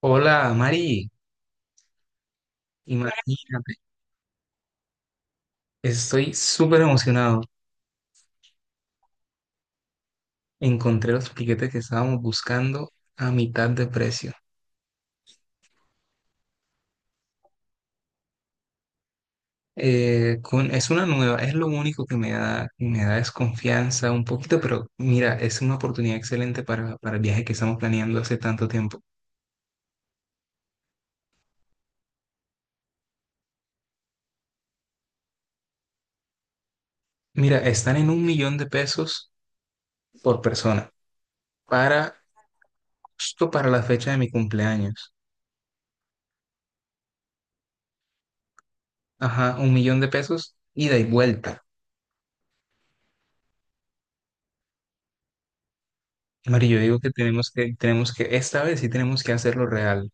Hola, Mari. Imagínate, estoy súper emocionado. Encontré los piquetes que estábamos buscando a mitad de precio. Es una nueva, es lo único que me da desconfianza un poquito, pero mira, es una oportunidad excelente para el viaje que estamos planeando hace tanto tiempo. Mira, están en $1.000.000 por persona, para justo para la fecha de mi cumpleaños. Ajá, $1.000.000 ida y vuelta. Mari, yo digo que tenemos que, esta vez sí tenemos que hacerlo real.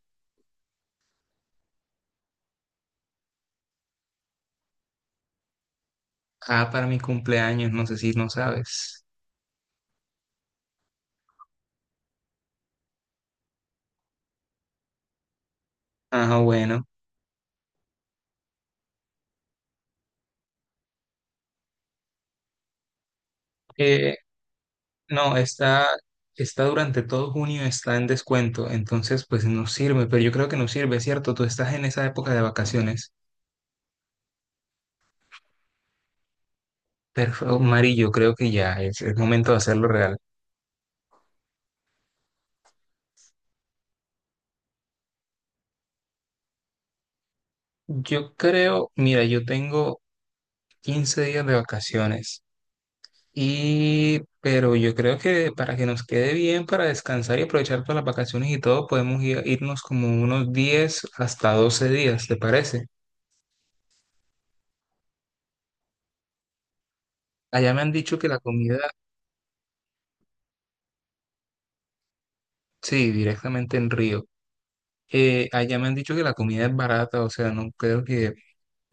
Ah, para mi cumpleaños, no sé si no sabes. Ah, bueno. Eh, no, está, Está durante todo junio, está en descuento, entonces pues nos sirve, pero yo creo que nos sirve, ¿cierto? Tú estás en esa época de vacaciones. Perfecto, Mari, yo creo que ya es el momento de hacerlo real. Yo creo, mira, yo tengo 15 días de vacaciones. Y, pero yo creo que para que nos quede bien, para descansar y aprovechar todas las vacaciones y todo, podemos irnos como unos 10 hasta 12 días, ¿te parece? Allá me han dicho que la comida, sí, directamente en Río. Allá me han dicho que la comida es barata, o sea, no creo que,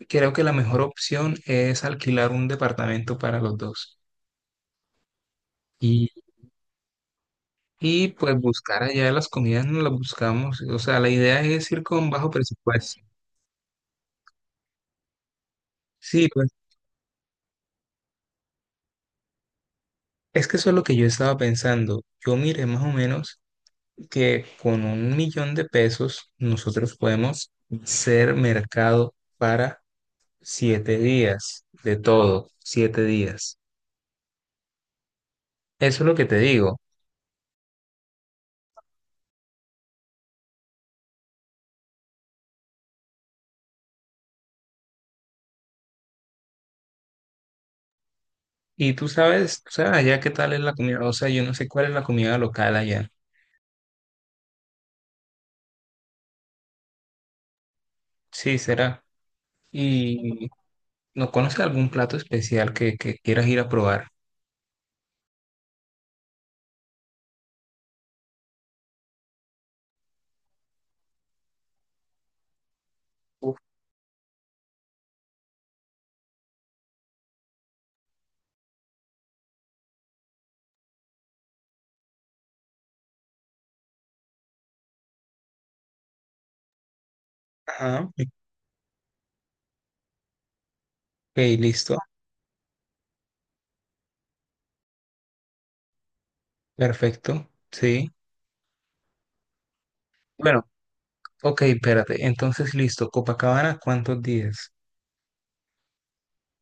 creo que la mejor opción es alquilar un departamento para los dos. Y, y pues buscar allá las comidas, no las buscamos, o sea, la idea es ir con bajo presupuesto. Sí, pues, es que eso es lo que yo estaba pensando. Yo miré más o menos que con $1.000.000 nosotros podemos ser mercado para 7 días, de todo, 7 días. Eso es lo que te digo. Y tú sabes, o sea, allá qué tal es la comida, o sea, yo no sé cuál es la comida local allá. Sí, será. ¿Y no conoces algún plato especial que quieras ir a probar? Uf. Ajá, ok, listo, perfecto, sí. Bueno. Ok, espérate. Entonces, listo. Copacabana, ¿cuántos días?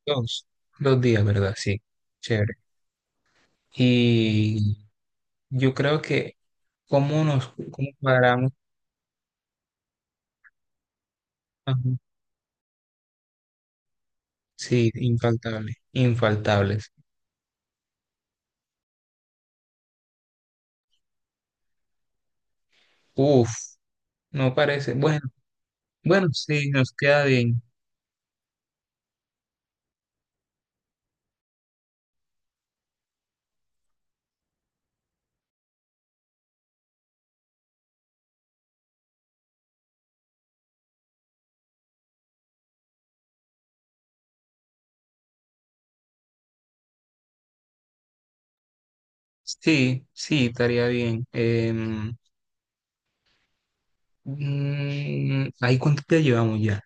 Dos. Dos días, ¿verdad? Sí. Chévere. Y yo creo que, ¿cómo nos cómo cuadramos? Ajá. Sí, infaltable. Infaltables. Uf, no parece. Bueno, bueno, sí, nos queda bien. Sí, sí, estaría bien. ¿Ahí cuánto te llevamos ya?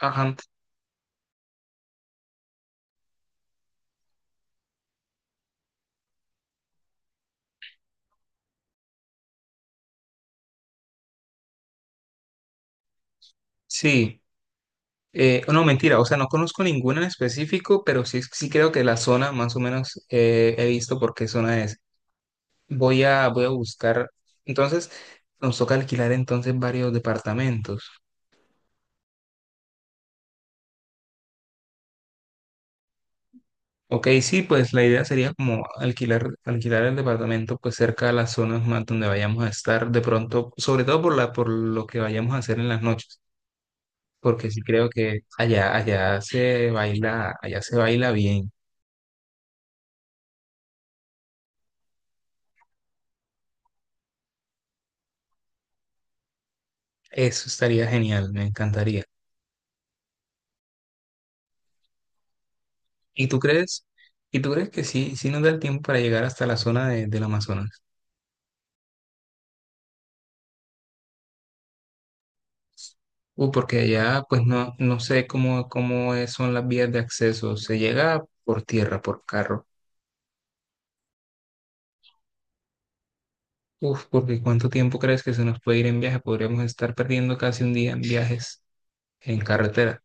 Ajá. Sí. No, mentira, o sea, no conozco ninguna en específico, pero sí, sí creo que la zona más o menos he visto por qué zona es. Voy a buscar, entonces nos toca alquilar varios departamentos. Ok, sí, pues la idea sería como alquilar el departamento pues cerca de las zonas más donde vayamos a estar de pronto, sobre todo por lo que vayamos a hacer en las noches, porque sí creo que allá se baila bien. Eso estaría genial, me encantaría. ¿Y tú crees, ¿Y tú crees que sí, sí nos da el tiempo para llegar hasta la zona del Amazonas? Porque allá pues no, no sé cómo son las vías de acceso. ¿Se llega por tierra, por carro? Uf, porque ¿cuánto tiempo crees que se nos puede ir en viaje? Podríamos estar perdiendo casi un día en viajes en carretera.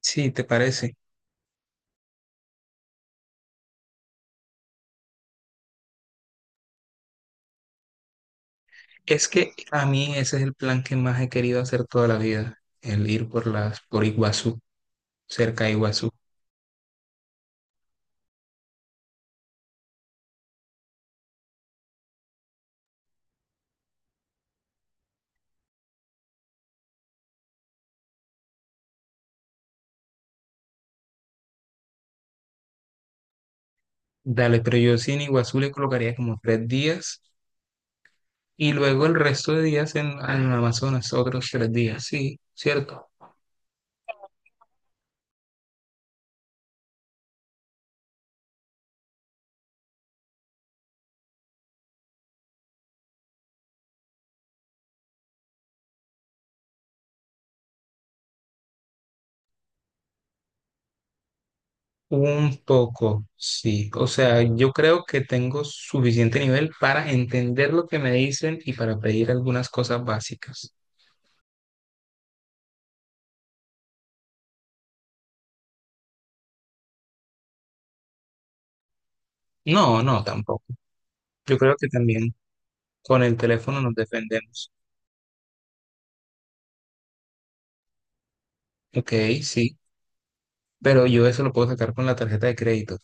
Sí, ¿te parece? Es que a mí ese es el plan que más he querido hacer toda la vida, el ir por Iguazú, cerca de Iguazú. Dale, pero yo sí en Iguazú le colocaría como 3 días. Y luego el resto de días en Amazonas, otros 3 días, sí, ¿cierto? Un poco, sí. O sea, yo creo que tengo suficiente nivel para entender lo que me dicen y para pedir algunas cosas básicas. No, no, tampoco. Yo creo que también con el teléfono nos defendemos. Ok, sí, pero yo eso lo puedo sacar con la tarjeta de crédito.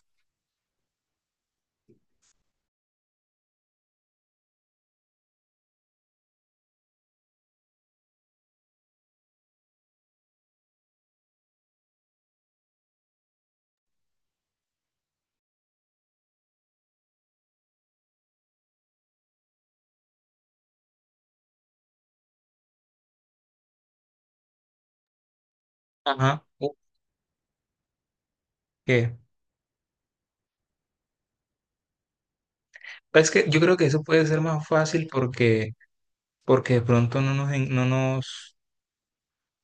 Ajá, ok. Es que yo creo que eso puede ser más fácil porque, porque de pronto no nos,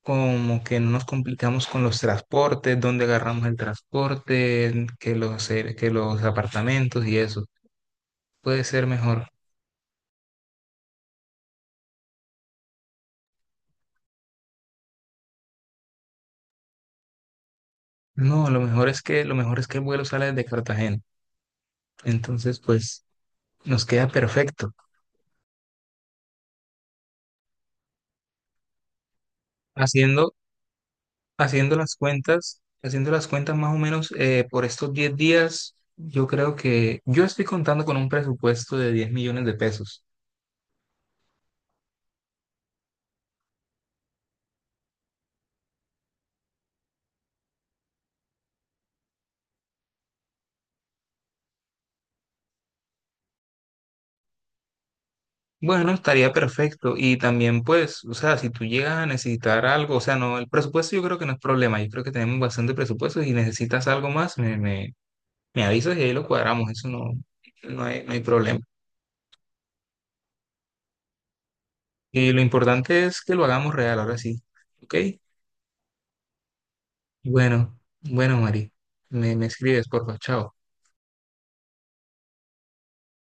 como que no nos complicamos con los transportes, dónde agarramos el transporte, que que los apartamentos y eso. Puede ser mejor. No, lo mejor es que, Lo mejor es que el vuelo sale desde Cartagena. Entonces, pues, nos queda perfecto. Haciendo, Haciendo las cuentas, haciendo las cuentas más o menos por estos 10 días, yo creo que yo estoy contando con un presupuesto de $10.000.000. Bueno, estaría perfecto. Y también, pues, o sea, si tú llegas a necesitar algo, o sea, no, el presupuesto yo creo que no es problema. Yo creo que tenemos bastante presupuesto. Si necesitas algo más, me avisas y ahí lo cuadramos. Eso no, No hay, no hay problema. Y lo importante es que lo hagamos real, ahora sí. ¿Ok? Bueno, bueno, Mari. Me escribes, porfa. Chao.